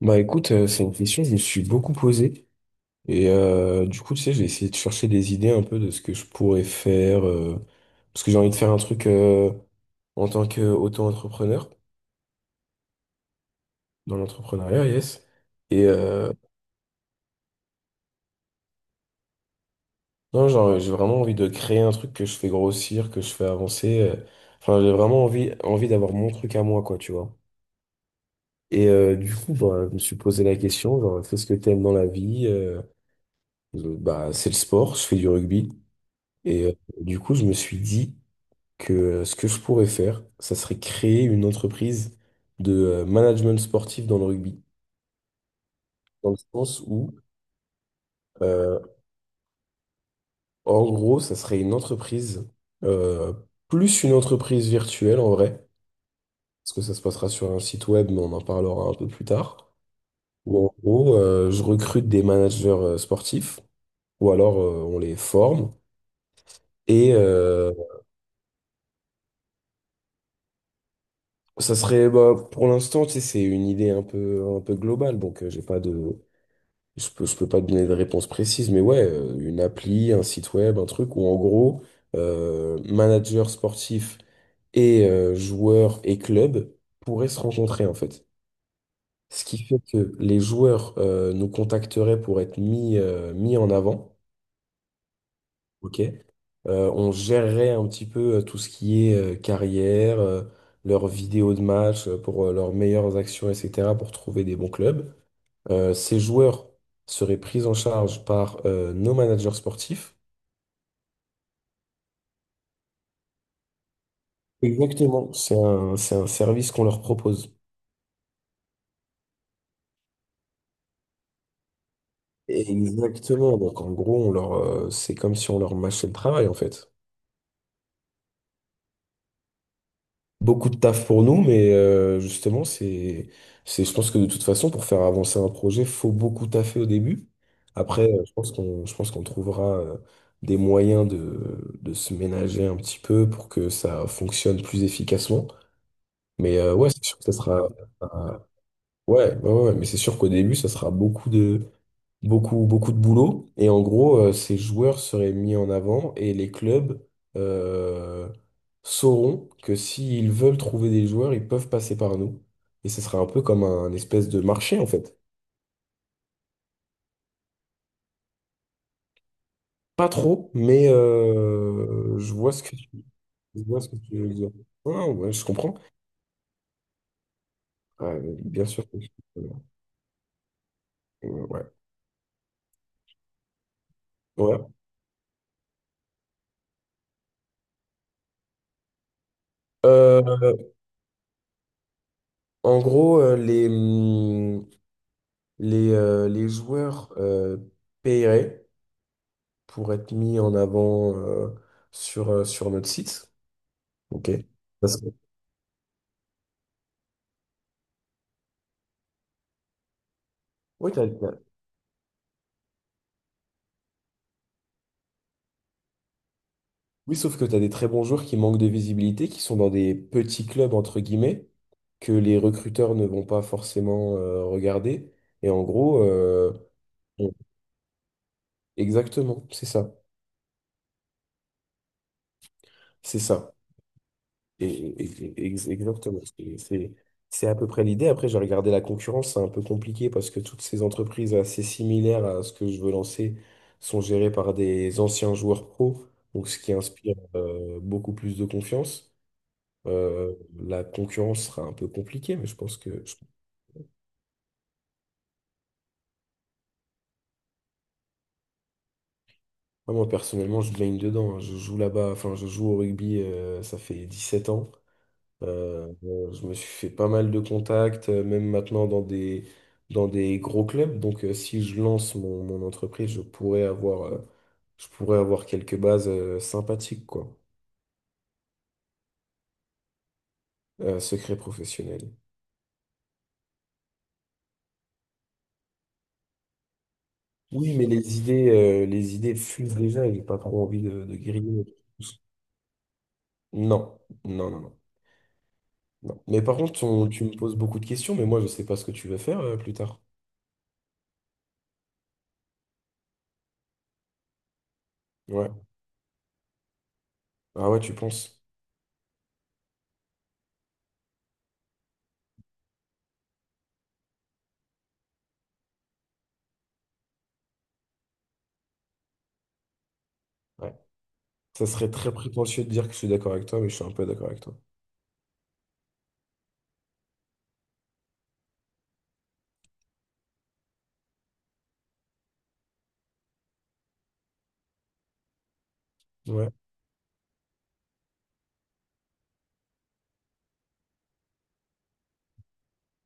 Bah écoute, c'est une question que je me suis beaucoup posée. Du coup, tu sais, j'ai essayé de chercher des idées un peu de ce que je pourrais faire, parce que j'ai envie de faire un truc en tant qu'auto-entrepreneur, dans l'entrepreneuriat, yes. Et euh, non, genre, j'ai vraiment envie de créer un truc que je fais grossir, que je fais avancer. Enfin, j'ai vraiment envie d'avoir mon truc à moi, quoi, tu vois. Du coup, bah, je me suis posé la question, genre, qu'est-ce que t'aimes dans la vie? Bah, c'est le sport, je fais du rugby. Et euh, du coup, je me suis dit que ce que je pourrais faire, ça serait créer une entreprise de management sportif dans le rugby. Dans le sens où, euh, en gros, ça serait une entreprise, euh, plus une entreprise virtuelle en vrai, parce que ça se passera sur un site web, mais on en parlera un peu plus tard. Où en gros, je recrute des managers sportifs, ou alors on les forme. Et euh, Ça serait, bah, pour l'instant, tu sais, c'est une idée un peu globale, donc j'ai pas de, je peux, je peux pas te donner de réponse précise, mais ouais, une appli, un site web, un truc où en gros, manager sportif et joueurs et clubs pourraient se rencontrer en fait. Ce qui fait que les joueurs nous contacteraient pour être mis, mis en avant, ok? On gérerait un petit peu tout ce qui est carrière, leurs vidéos de match pour leurs meilleures actions, etc., pour trouver des bons clubs. Ces joueurs seraient pris en charge par nos managers sportifs. Exactement. C'est un service qu'on leur propose. Exactement. Donc en gros, on leur, c'est comme si on leur mâchait le travail en fait. Beaucoup de taf pour nous, mais justement, je pense que de toute façon, pour faire avancer un projet, faut beaucoup taffer au début. Après, je pense qu'on trouvera des moyens de se ménager un petit peu pour que ça fonctionne plus efficacement. Mais ouais, c'est sûr que ça sera, euh, ouais, ouais, ouais, ouais, mais c'est sûr qu'au début, ça sera beaucoup, beaucoup de boulot. Et en gros, ces joueurs seraient mis en avant et les clubs euh, sauront que s'ils veulent trouver des joueurs, ils peuvent passer par nous. Et ce sera un peu comme un, espèce de marché, en fait. Pas trop, mais je vois ce que tu veux dire. Non, ouais, je comprends. Ouais, bien sûr. Comprends. Ouais. Ouais. Euh, En gros, les joueurs paieraient pour être mis en avant sur, sur notre site. Ok. Parce que- oui, t'as- t'as- Oui, sauf que tu as des très bons joueurs qui manquent de visibilité, qui sont dans des petits clubs, entre guillemets, que les recruteurs ne vont pas forcément regarder. Et en gros, on- exactement, c'est ça. C'est ça. Et, et- Exactement. C'est à peu près l'idée. Après, j'ai regardé la concurrence, c'est un peu compliqué parce que toutes ces entreprises assez similaires à ce que je veux lancer sont gérées par des anciens joueurs pro, donc ce qui inspire beaucoup plus de confiance. Euh, la concurrence sera un peu compliquée, mais je pense que je- moi, moi, personnellement, je baigne dedans, hein. Je joue au rugby, ça fait 17 ans. Je me suis fait pas mal de contacts, même maintenant dans des gros clubs. Donc, si je lance mon entreprise, je pourrais avoir quelques bases, sympathiques, quoi. Secret professionnel. Oui, mais les idées fusent déjà et j'ai pas trop envie de griller. Non, non, non, non, non. Mais par contre, tu me poses beaucoup de questions, mais moi, je sais pas ce que tu veux faire, plus tard. Ouais. Ah ouais, tu penses? Ouais. Ça serait très prétentieux de dire que je suis d'accord avec toi, mais je suis un peu d'accord avec toi. Ouais,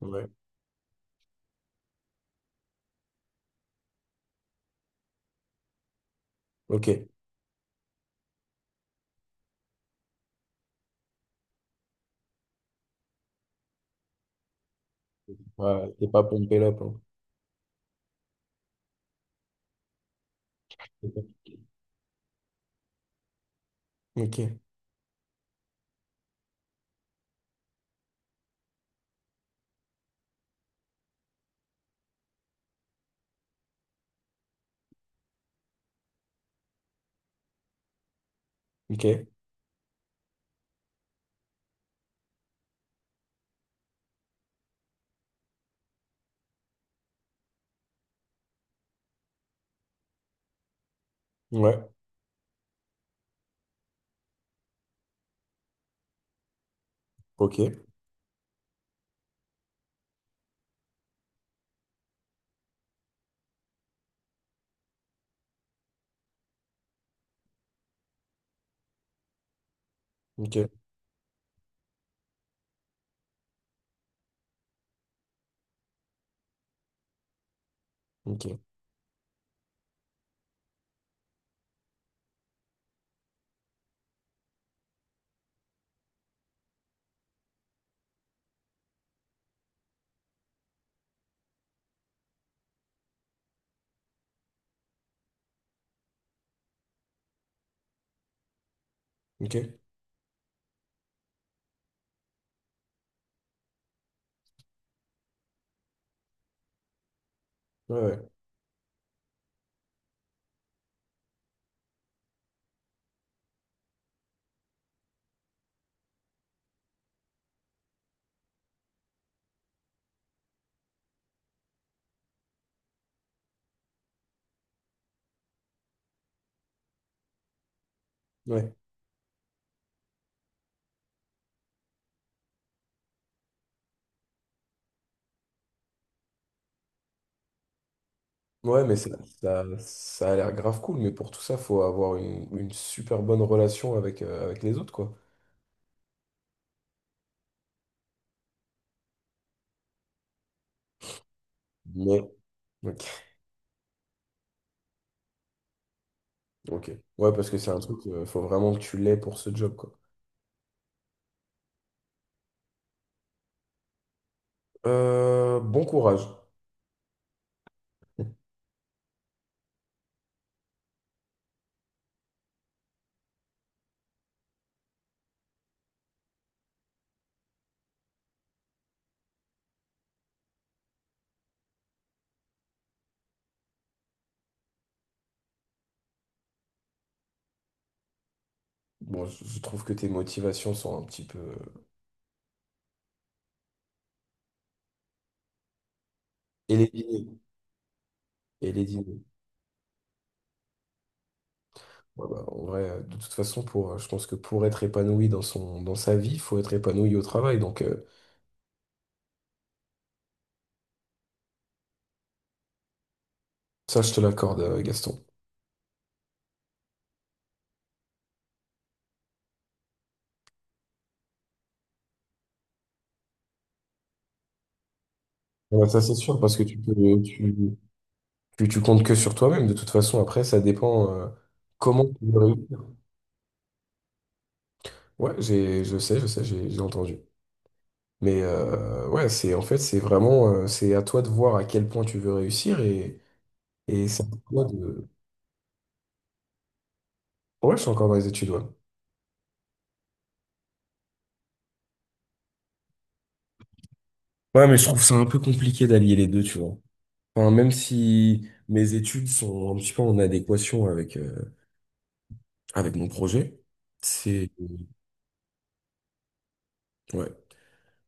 ouais, ok. Ouais, t'es pas pompé là, quoi. Ok, ok, ouais, ok, ok, ok, ok, ouais, ouais, ouais. Ouais, mais ça a l'air grave cool, mais pour tout ça, faut avoir une super bonne relation avec, avec les autres, quoi. Mais, ok, ok. Ouais, parce que c'est un truc, faut vraiment que tu l'aies pour ce job, quoi. Bon courage. Bon, je trouve que tes motivations sont un petit peu... Et les dîners. Et les dîners. Ouais, bah, en vrai, de toute façon, pour, je pense que pour être épanoui dans son, dans sa vie, il faut être épanoui au travail. Donc, ça, je te l'accorde, Gaston. Ouais, ça, c'est sûr, parce que tu peux, tu, tu comptes que sur toi-même. De toute façon, après, ça dépend, comment tu veux réussir. Ouais, je sais, j'ai entendu. Mais, ouais, c'est vraiment, c'est à toi de voir à quel point tu veux réussir et c'est à toi de. Ouais, je suis encore dans les études, ouais. Ouais, mais je trouve ça un peu compliqué d'allier les deux, tu vois. Enfin, même si mes études sont un petit peu en adéquation avec, avec mon projet, c'est... ouais.